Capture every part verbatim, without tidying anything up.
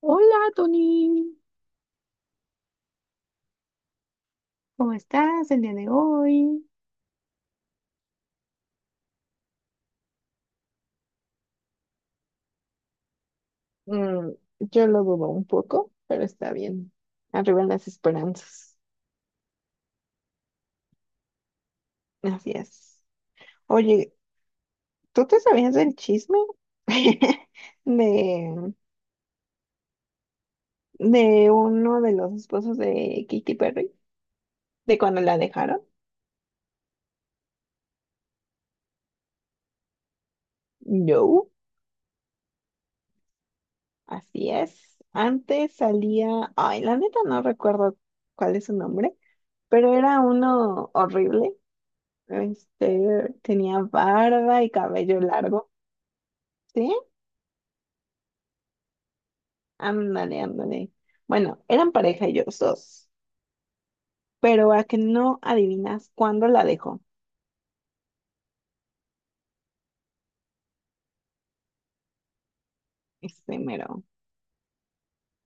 Hola, Tony. ¿Cómo estás el día de hoy? Mm, yo lo dudo un poco, pero está bien. Arriba las esperanzas. Así es. Oye, ¿tú te sabías del chisme de, de uno de los esposos de Katy Perry? ¿De cuando la dejaron? No, así es. Antes salía, ay, la neta no recuerdo cuál es su nombre, pero era uno horrible. Este, tenía barba y cabello largo. ¿Sí? Ándale, ándale. Bueno, eran pareja ellos dos, pero a que no adivinas cuándo la dejó, este mero,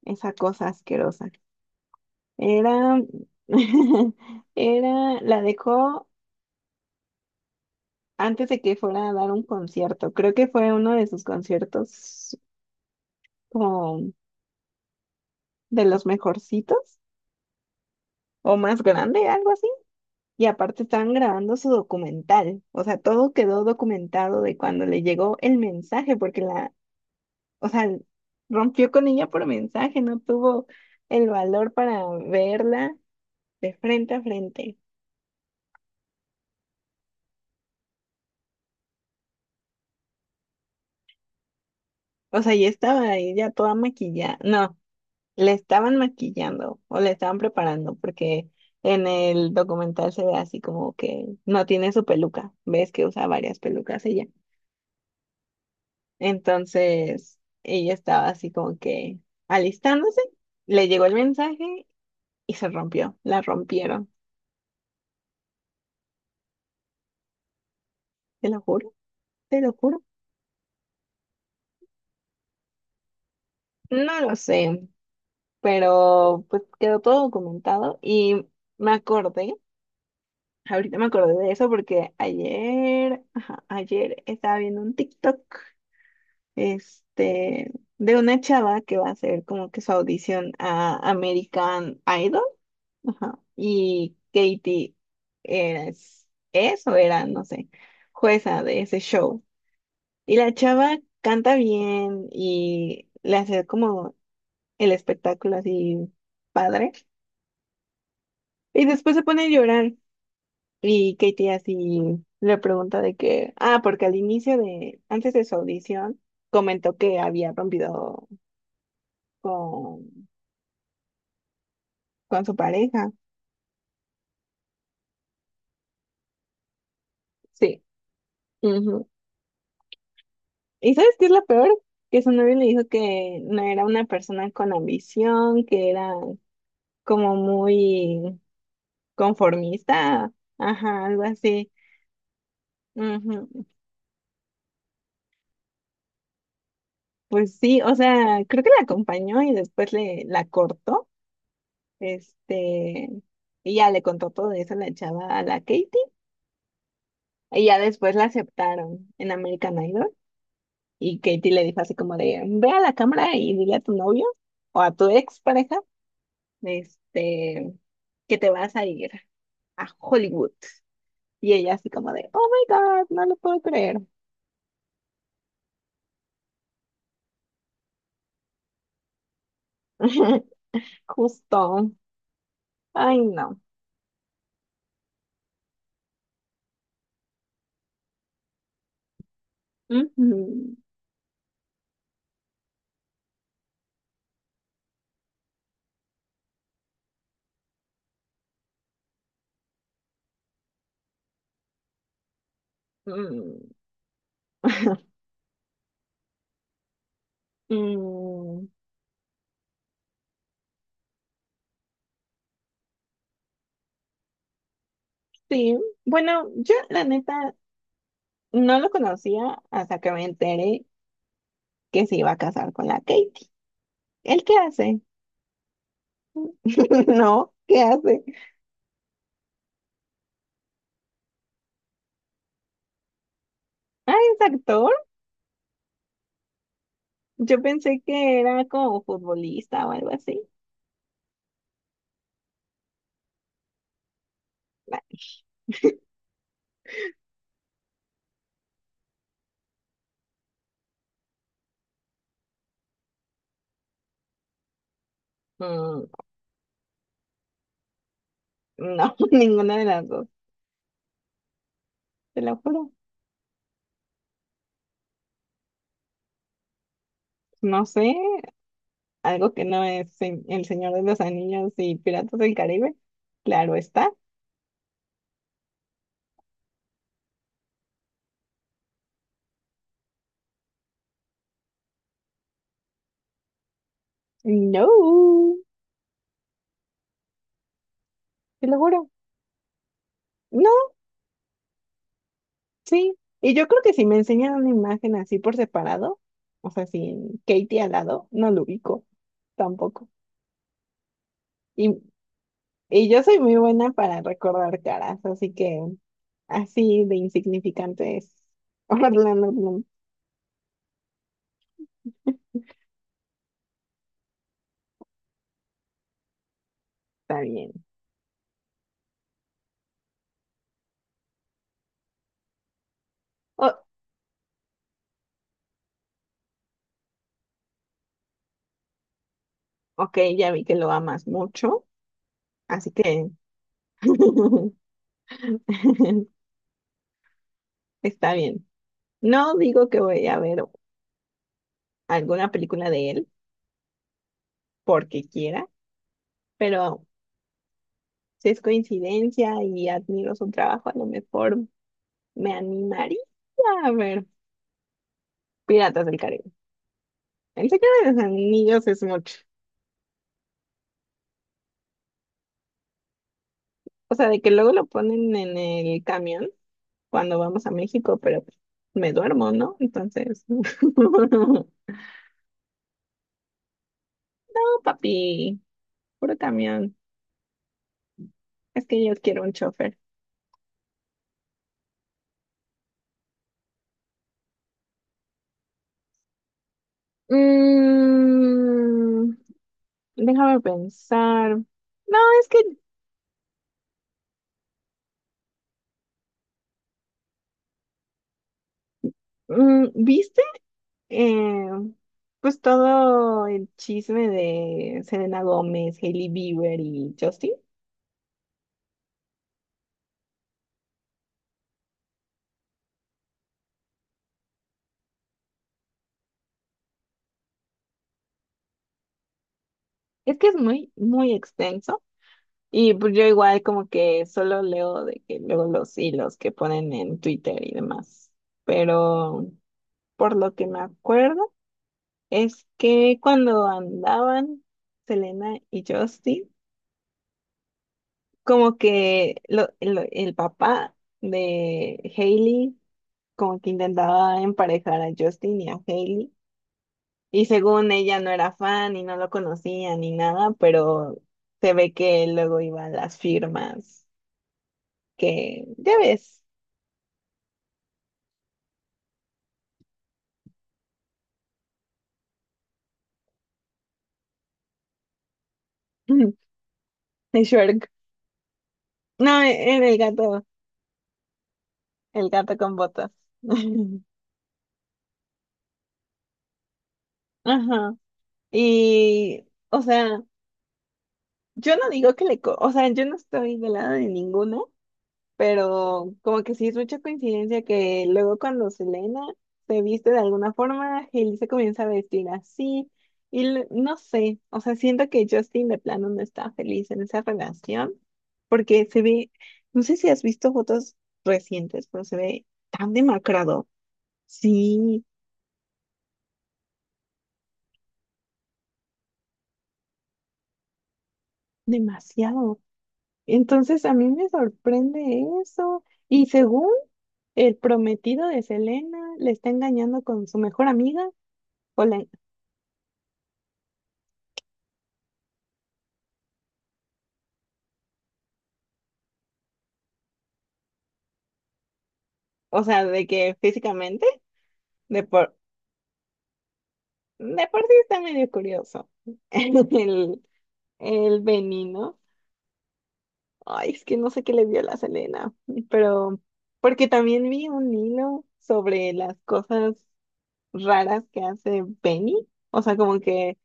esa cosa asquerosa. Era, era, la dejó antes de que fuera a dar un concierto. Creo que fue uno de sus conciertos como de los mejorcitos o más grande, algo así. Y aparte estaban grabando su documental, o sea, todo quedó documentado de cuando le llegó el mensaje, porque la, o sea, rompió con ella por mensaje, no tuvo el valor para verla de frente a frente. O sea, y estaba ella toda maquillada, no, le estaban maquillando o le estaban preparando, porque en el documental se ve así como que no tiene su peluca, ves que usa varias pelucas ella. Entonces, ella estaba así como que alistándose, le llegó el mensaje y se rompió, la rompieron, te lo juro, te lo juro. No lo sé, pero pues quedó todo documentado y me acordé, ahorita me acordé de eso porque ayer, ajá, ayer estaba viendo un TikTok, este, de una chava que va a hacer como que su audición a American Idol. Ajá. Y Katie es, es o era, no sé, jueza de ese show. Y la chava canta bien y le hace como el espectáculo así padre. Y después se pone a llorar y Katie así le pregunta de que, ah, porque al inicio de, antes de su audición, comentó que había rompido con, con su pareja. Sí. ¿Y sabes qué es lo peor? Que su novio le dijo que no era una persona con ambición, que era como muy conformista, ajá, algo así. Ujú. Pues sí, o sea, creo que la acompañó y después le la cortó, este, y ya le contó todo eso a la chava, a la Katie, y ya después la aceptaron en American Idol, y Katie le dijo así como de, ve a la cámara y dile a tu novio o a tu ex pareja, este, que te vas a ir a Hollywood. Y ella así como de, oh my God, no lo puedo creer. Justo. Ay, no. Ujú. Mm. Mm, sí, bueno, yo la neta no lo conocía hasta que me enteré que se iba a casar con la Katie. ¿Él qué hace? No, ¿qué hace? Ah, es actor. Yo pensé que era como futbolista o algo así. Nah. Mm, no, ninguna de las dos, te lo juro. No sé, algo que no es se- El Señor de los Anillos y Piratas del Caribe. Claro está. No, te lo juro. No, sí. Y yo creo que si me enseñan una imagen así por separado, o sea, sin Katie al lado, no lo ubico tampoco. Y, y yo soy muy buena para recordar caras, así que así de insignificante es Orlando Bloom. Está bien. Oh, ok, ya vi que lo amas mucho, así que está bien. No digo que voy a ver alguna película de él porque quiera, pero si es coincidencia y admiro su trabajo, a lo mejor me animaría a ver Piratas del Caribe. El Señor de los Anillos es mucho. O sea, de que luego lo ponen en el camión cuando vamos a México, pero pues, me duermo, ¿no? Entonces, no, papi, puro camión. Es que yo quiero un chofer. Mm, Déjame pensar. No, es que, mm, ¿viste? Eh, pues todo el chisme de Selena Gómez, Hailey Bieber y Justin. Es que es muy, muy extenso. Y pues yo igual como que solo leo de que luego los hilos que ponen en Twitter y demás. Pero por lo que me acuerdo es que cuando andaban Selena y Justin, como que lo- lo- el papá de Hailey como que intentaba emparejar a Justin y a Hailey y según ella no era fan y no lo conocía ni nada, pero se ve que luego iba a las firmas que ya ves, de Shrek. No, era el gato, el gato con botas. Ajá. Y, o sea, yo no digo que le, co- o sea, yo no estoy del lado de ninguno, pero como que sí es mucha coincidencia que luego cuando Selena se viste de alguna forma, Hailey se comienza a vestir así y l- no sé, o sea, siento que Justin de plano no está feliz en esa relación porque se ve, no sé si has visto fotos recientes, pero se ve tan demacrado, sí, demasiado. Entonces a mí me sorprende eso y según el prometido de Selena le está engañando con su mejor amiga. O sea, de que físicamente, de por, de por sí está medio curioso. El, el Benino. Ay, es que no sé qué le vio la Selena, pero porque también vi un hilo sobre las cosas raras que hace Benny. O sea, como que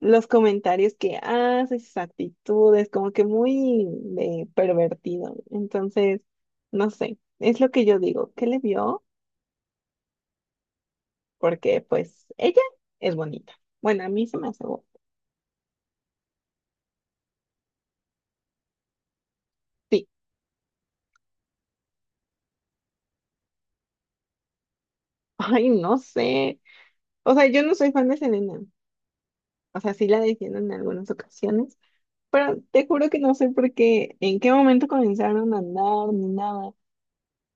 los comentarios que hace, sus actitudes, como que muy de pervertido. Entonces, no sé, es lo que yo digo. ¿Qué le vio? Porque pues ella es bonita. Bueno, a mí se me hace bo- sí. Ay, no sé. O sea, yo no soy fan de Selena. O sea, sí la defiendo en algunas ocasiones, pero te juro que no sé por qué, en qué momento comenzaron a andar ni nada.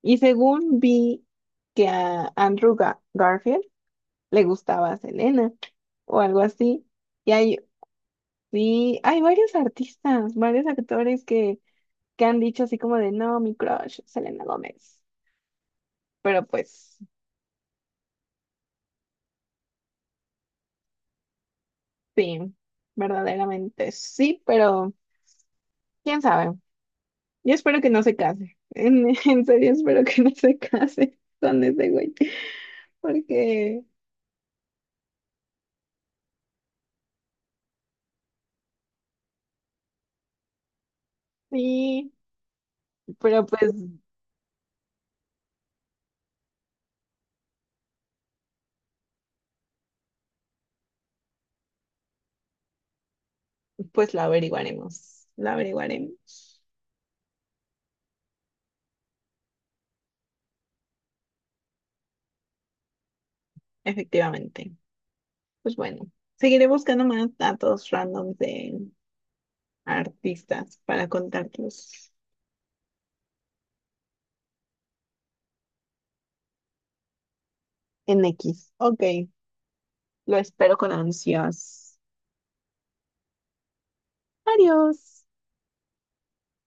Y según vi que a Andrew Ga- Garfield le gustaba Selena o algo así. Y hay, sí, hay varios artistas, varios actores que, que han dicho así como de, no, mi crush, Selena Gómez. Pero pues sí, verdaderamente sí, pero quién sabe. Yo espero que no se case. En, en serio, espero que no se case con ese güey. Porque sí, pero pues, pues lo averiguaremos. Lo averiguaremos. Efectivamente. Pues bueno, seguiré buscando más datos randoms de artistas para contarlos en equis. Ok, lo espero con ansias. Adiós.